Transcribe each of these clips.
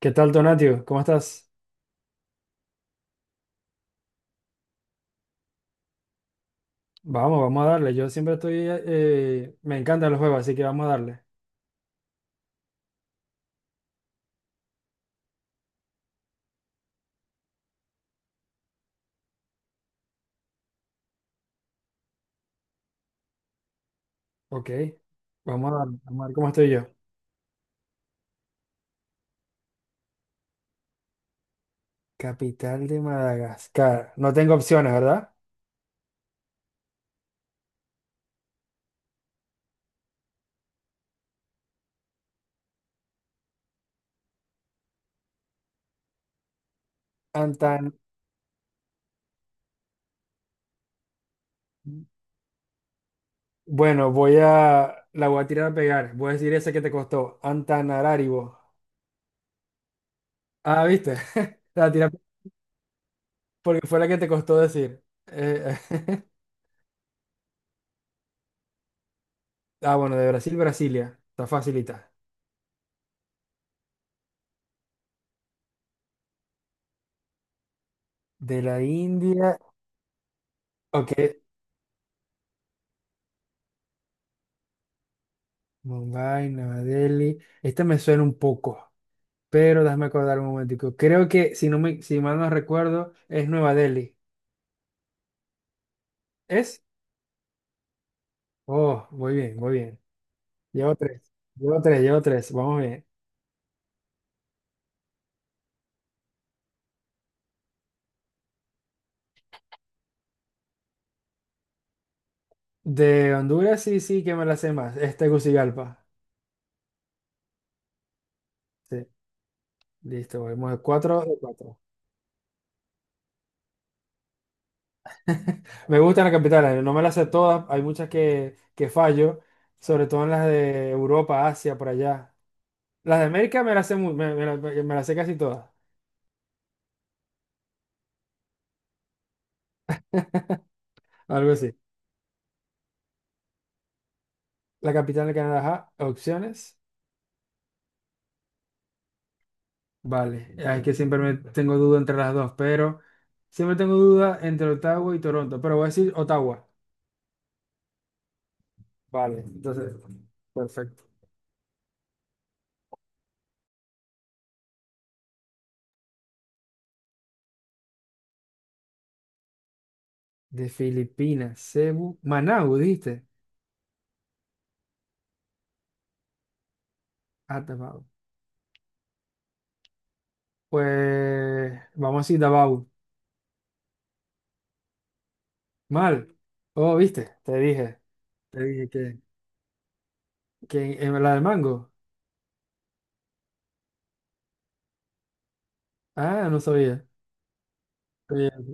¿Qué tal, Donatio? ¿Cómo estás? Vamos, vamos a darle. Yo siempre estoy, me encantan los juegos, así que vamos a darle. Ok, vamos a darle. Vamos a ver cómo estoy yo. Capital de Madagascar. No tengo opciones, ¿verdad? Antan... Bueno, la voy a tirar a pegar. Voy a decir esa que te costó. Antananarivo. Ah, ¿viste? La tiré porque fue la que te costó decir. Ah, bueno, de Brasil, Brasilia. Está facilita. De la India. Ok, Mumbai, Nueva Delhi. Este me suena un poco, pero déjame acordar un momentico. Creo que, si mal no recuerdo, es Nueva Delhi. ¿Es? Oh, muy bien, muy bien. Llevo tres, llevo tres, llevo tres. Vamos bien. De Honduras, sí, sí, que me la sé más. Es Tegucigalpa. Sí, listo, vamos de cuatro de cuatro. Me gustan las capitales, no me las sé todas. Hay muchas que fallo, sobre todo en las de Europa, Asia, por allá. Las de América me las me las sé casi todas. Algo así. La capital de Canadá, ajá. Opciones. Vale. Es que siempre me tengo duda entre las dos, pero siempre tengo duda entre Ottawa y Toronto, pero voy a decir Ottawa. Vale, entonces, perfecto. De Filipinas, Cebu, Managua ¿viste? Ah, Davao. Pues vamos a decir Davao. Mal. Oh, ¿viste? Te dije. Te que en la de mango. Ah, no sabía. Está bien,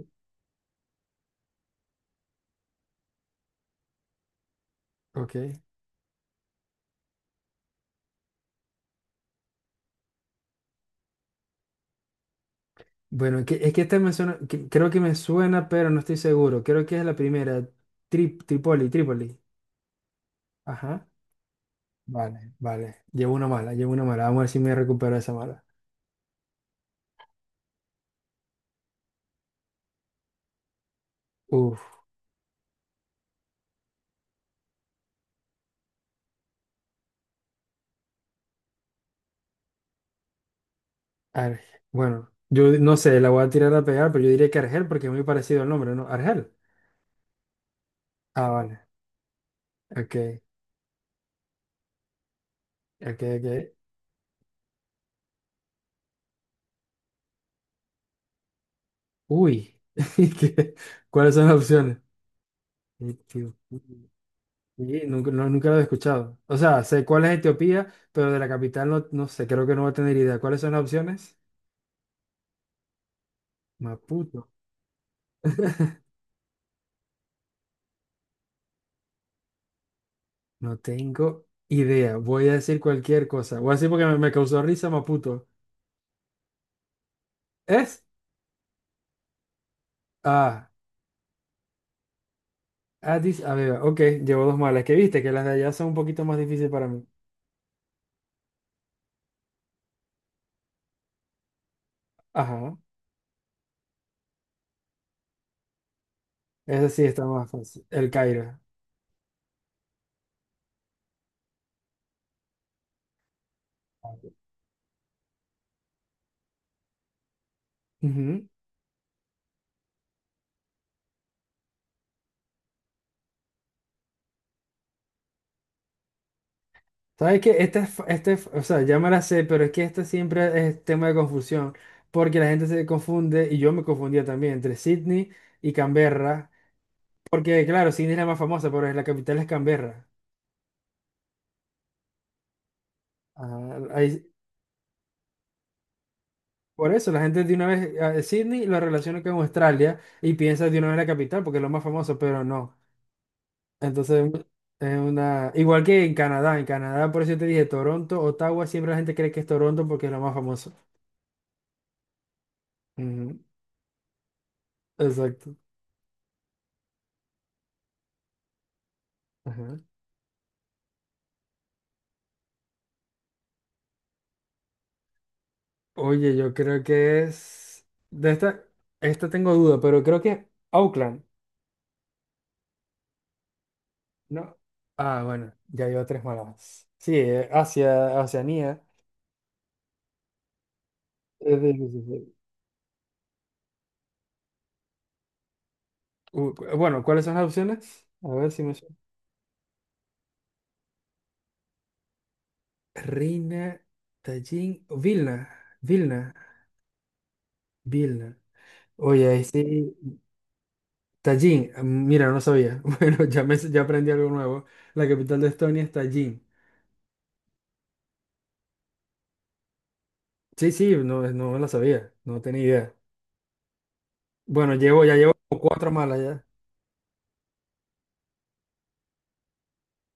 ok. Bueno, es que esta me suena, creo que me suena, pero no estoy seguro. Creo que es la primera, Tripoli, Tripoli. Ajá. Vale, vale. Llevo una mala, llevo una mala. Vamos a ver si me recupero esa mala. Uf, Argel. Bueno, yo no sé, la voy a tirar a pegar, pero yo diría que Argel porque es muy parecido al nombre, ¿no? Argel. Ah, vale. Ok, ok, ok. Uy. ¿Qué? ¿Cuáles son las opciones? Nunca lo he escuchado. O sea, sé cuál es Etiopía, pero de la capital no, no sé, creo que no voy a tener idea. ¿Cuáles son las opciones? Maputo. No tengo idea. Voy a decir cualquier cosa. Voy a decir porque me causó risa Maputo. ¿Es? Ah, Addis Abeba. Ok, llevo dos malas. ¿Qué viste que las de allá son un poquito más difíciles para mí? Ajá. Esa sí está más fácil. El Cairo. Ujú. ¿Sabes que o sea, ya me la sé, pero es que este siempre es tema de confusión, porque la gente se confunde, y yo me confundía también, entre Sydney y Canberra, porque claro, Sydney es la más famosa, pero la capital es Canberra. Ah, por eso la gente de una vez, a Sydney lo relaciona con Australia y piensa de una vez la capital, porque es lo más famoso, pero no. Entonces, es una... Igual que en Canadá, por eso te dije Toronto, Ottawa, siempre la gente cree que es Toronto porque es lo más famoso. Ujú, exacto. Ajá. Oye, yo creo que De esta, esta tengo duda, pero creo que Auckland, ¿no? Ah, bueno, ya llevo tres malas. Sí, Asia, Oceanía. Eh, de- de- de- Bueno, ¿cuáles son las opciones? A ver si me suena. Reina, Tallin, Vilna, Vilna, Vilna. Oye, ahí sí. Tallin, ah, mira, no sabía. Bueno, ya, ya aprendí algo nuevo. La capital de Estonia es Tallin. Sí, sí, no, no la sabía, no tenía idea. Bueno, llevo, ya llevo como cuatro malas ya.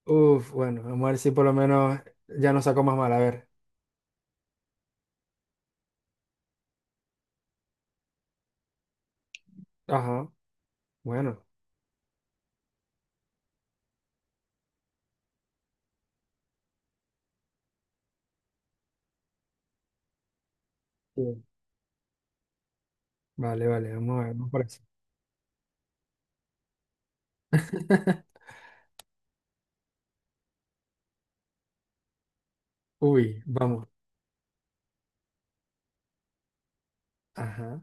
Uf, bueno, vamos a ver si por lo menos ya no saco más mal. A ver. Ajá, bueno. Sí. Vale, vale, vamos a ver, vamos por eso. Uy, vamos. Ajá.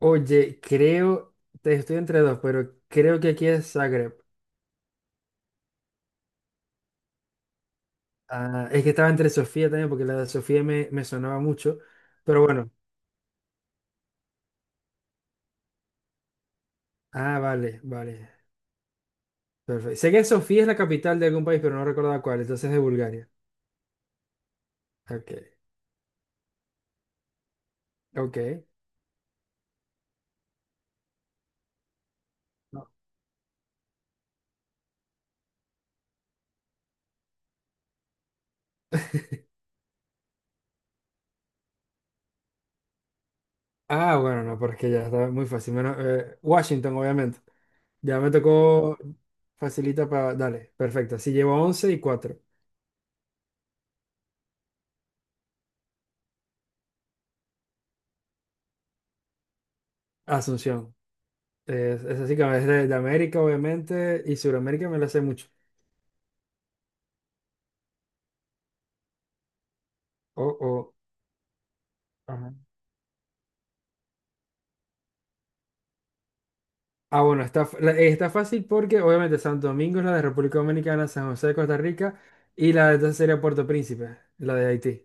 Oye, creo, estoy entre dos, pero creo que aquí es Zagreb. Ah, es que estaba entre Sofía también, porque la de Sofía me sonaba mucho. Pero bueno. Ah, vale, vale. Perfecto. Sé que Sofía es la capital de algún país, pero no recordaba cuál. Entonces es de Bulgaria. Ok, ok. Ah, bueno, no, porque ya está muy fácil. Menos, Washington, obviamente. Ya me tocó facilita para... Dale, perfecto. Sí, llevo 11 y 4, Asunción. Es así que es de América, obviamente, y Sudamérica me la sé mucho. Oh, oh. Ajá. Ah, bueno, está fácil porque obviamente Santo Domingo es la de República Dominicana, San José de Costa Rica y la de esta sería Puerto Príncipe, la de Haití.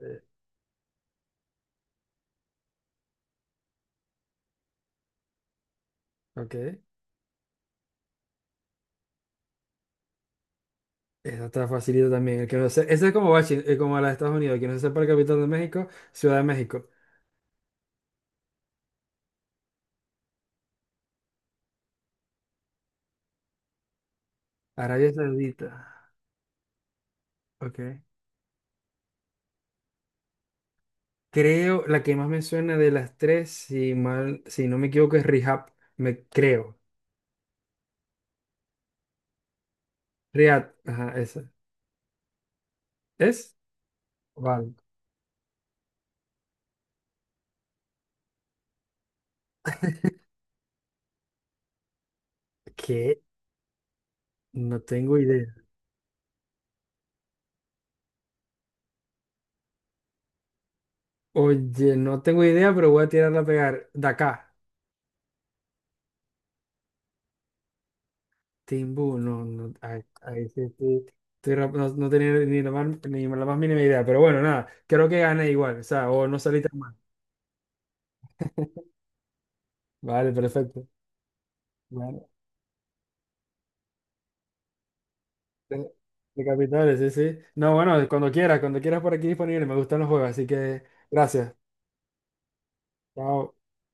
Eh, Ok. Esa está facilita también. El que no ese es como, como la de Estados Unidos. El que no se sepa el capital de México, Ciudad de México. Arabia Saudita. Ok. Creo, la que más me suena de las tres, si no me equivoco, es Rihab. Me creo. Riyadh. Ajá, esa. ¿Es? Vale. ¿Qué? No tengo idea. Oye, no tengo idea, pero voy a tirarla a pegar. Dakar. Timbú, no, no. Ahí, ahí sí estoy. No, no tenía ni la más, ni la más mínima idea, pero bueno, nada, creo que gané igual, o sea, o no salí tan mal. Vale, perfecto. Bueno, de, de capitales, sí, sí. No, bueno, cuando quieras por aquí disponible. Me gustan los juegos, así que gracias. Chao.